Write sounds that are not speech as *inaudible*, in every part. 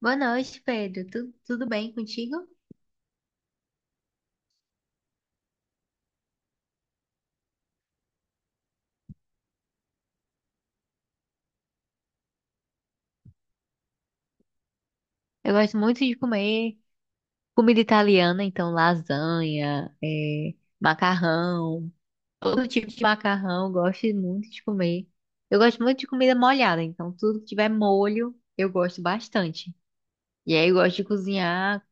Boa noite, Pedro. Tudo bem contigo? Eu gosto muito de comer comida italiana, então lasanha, macarrão, todo tipo de macarrão, eu gosto muito de comer. Eu gosto muito de comida molhada, então tudo que tiver molho, eu gosto bastante. E aí eu gosto de cozinhar,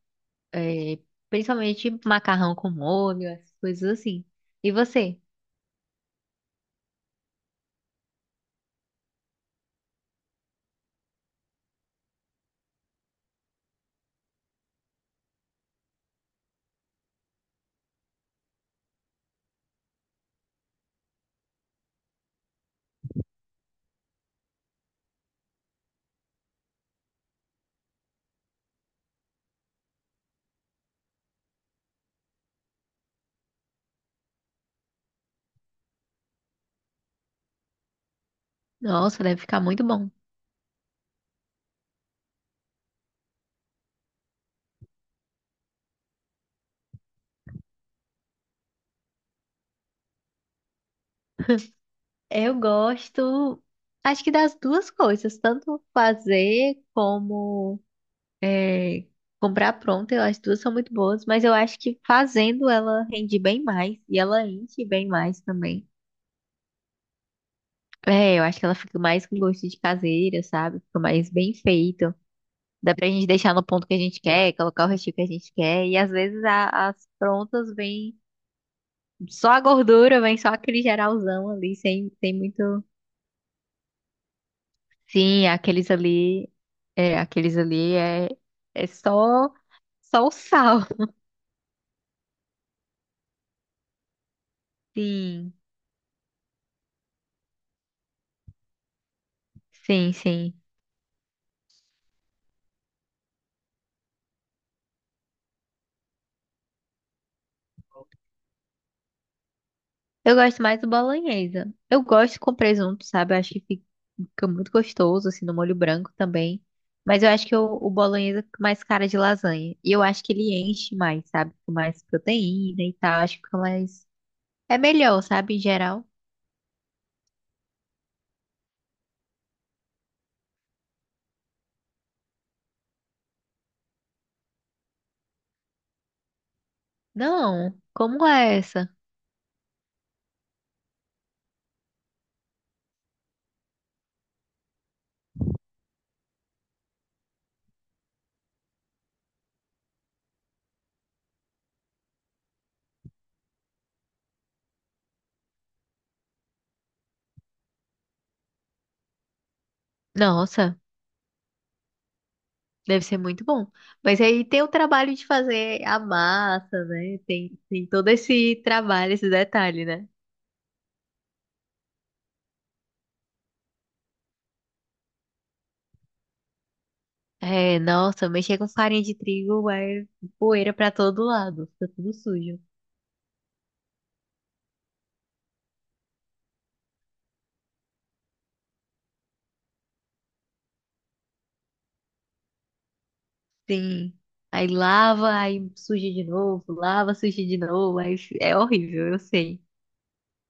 é, principalmente macarrão com molho, essas coisas assim. E você? Nossa, deve ficar muito bom. Eu gosto, acho que das duas coisas, tanto fazer como É, comprar pronta, as duas são muito boas, mas eu acho que fazendo ela rende bem mais e ela enche bem mais também. É, eu acho que ela fica mais com gosto de caseira, sabe? Fica mais bem feito. Dá pra gente deixar no ponto que a gente quer, colocar o recheio que a gente quer. E às vezes as prontas vêm só a gordura, vem só aquele geralzão ali, sem muito. Sim, aqueles ali. É, aqueles ali é só o sal. Sim, sim, sim. Eu gosto mais do bolonhesa. Eu gosto com presunto, sabe? Eu acho que fica muito gostoso, assim, no molho branco também. Mas eu acho que o bolonhesa fica mais cara de lasanha. E eu acho que ele enche mais, sabe? Com mais proteína e tal. Acho que fica mais. É melhor, sabe? Em geral. Não, como é essa? Nossa, deve ser muito bom. Mas aí tem o trabalho de fazer a massa, né? Tem todo esse trabalho, esse detalhe, né? É, nossa, mexer com farinha de trigo é poeira pra todo lado, fica tudo sujo. Sim. Aí lava, aí suja de novo, lava, suja de novo, é horrível, eu sei.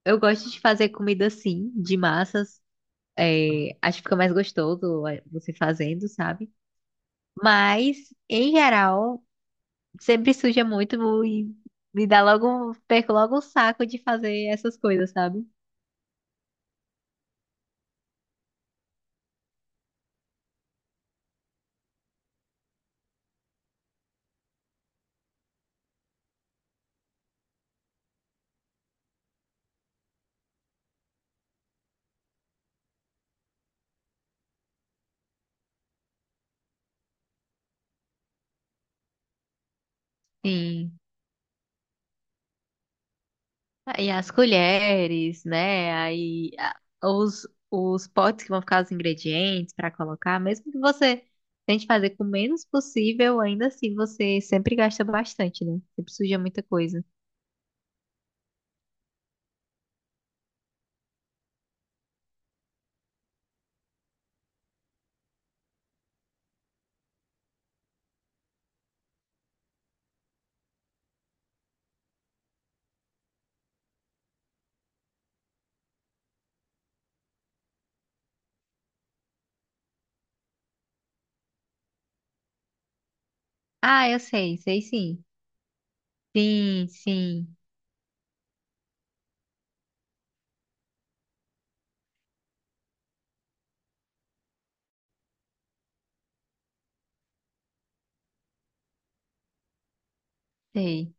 Eu gosto de fazer comida assim, de massas. É, acho que fica mais gostoso é, você fazendo, sabe? Mas, em geral, sempre suja muito e me dá logo, perco logo o saco de fazer essas coisas, sabe? Sim. Ah, e as colheres, né? Os potes que vão ficar os ingredientes para colocar, mesmo que você tente fazer com o menos possível, ainda assim você sempre gasta bastante, né? Sempre suja muita coisa. Ah, eu sei, sei sim. Sim, sim, sei.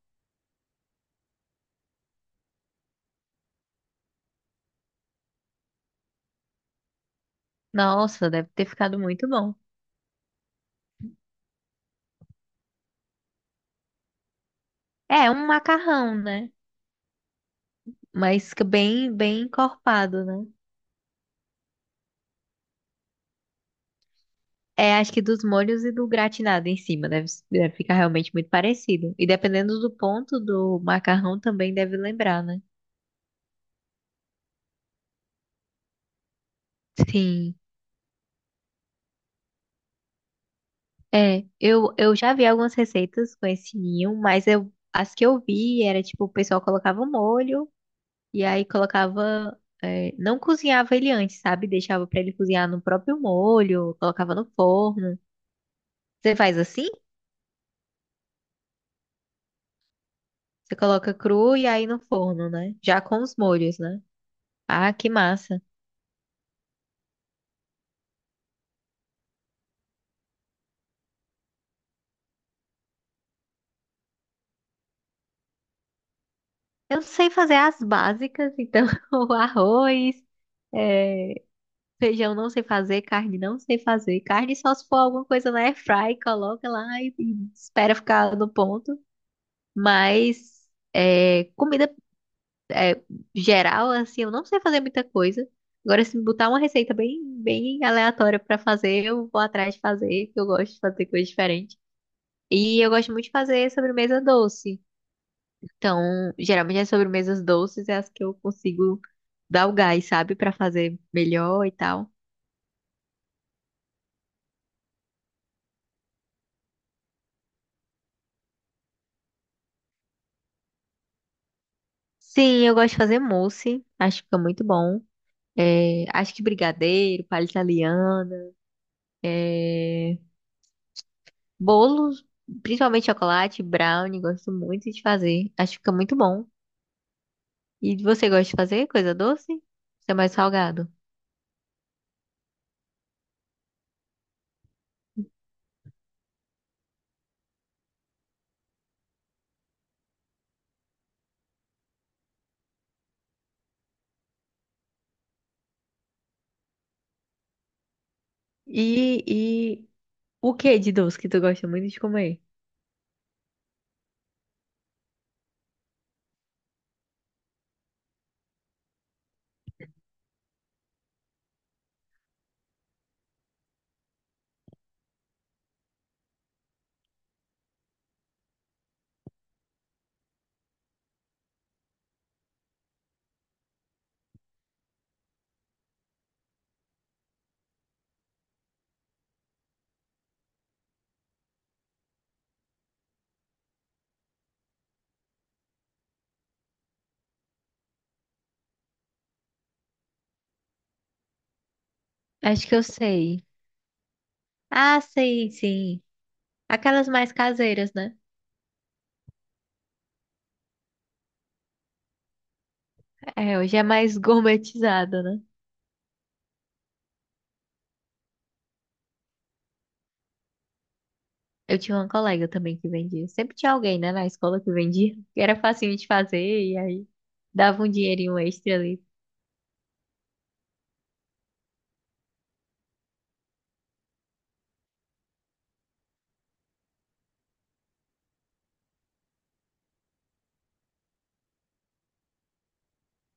Nossa, deve ter ficado muito bom. É um macarrão, né? Mas que bem, bem encorpado, né? É, acho que dos molhos e do gratinado em cima deve, deve ficar realmente muito parecido. E dependendo do ponto do macarrão também deve lembrar, né? Sim. É, eu já vi algumas receitas com esse ninho, mas eu, as que eu vi era tipo, o pessoal colocava o molho e aí colocava. É, não cozinhava ele antes, sabe? Deixava pra ele cozinhar no próprio molho, colocava no forno. Você faz assim? Você coloca cru e aí no forno, né? Já com os molhos, né? Ah, que massa. Eu sei fazer as básicas, então *laughs* o arroz, é, feijão não sei fazer, carne não sei fazer. Carne só se for alguma coisa na airfry, coloca lá e espera ficar no ponto. Mas é, comida é, geral, assim, eu não sei fazer muita coisa. Agora, se me botar uma receita bem, bem aleatória pra fazer, eu vou atrás de fazer, porque eu gosto de fazer coisa diferente. E eu gosto muito de fazer sobremesa doce. Então, geralmente as sobremesas doces é as que eu consigo dar o gás, sabe? Pra fazer melhor e tal. Sim, eu gosto de fazer mousse. Acho que fica muito bom. É, acho que brigadeiro, palha italiana, é, bolos, principalmente chocolate, brownie, gosto muito de fazer. Acho que fica muito bom. E você gosta de fazer coisa doce? Você é mais salgado. E, e o que de doce que tu gosta muito de comer? Acho que eu sei. Ah, sei, sim. Aquelas mais caseiras, né? É, hoje é mais *laughs* gourmetizada, né? Eu tinha uma colega também que vendia. Sempre tinha alguém, né, na escola que vendia. Que era facinho de fazer e aí dava um dinheirinho extra ali.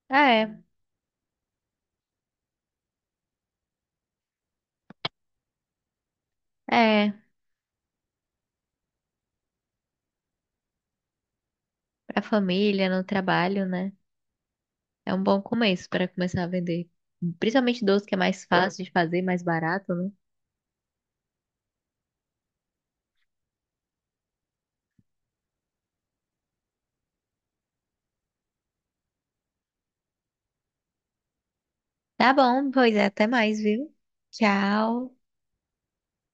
É, é. Pra família, no trabalho, né? É um bom começo para começar a vender. Principalmente doce que é mais fácil de fazer, mais barato, né? Tá bom, pois é, até mais, viu? Tchau.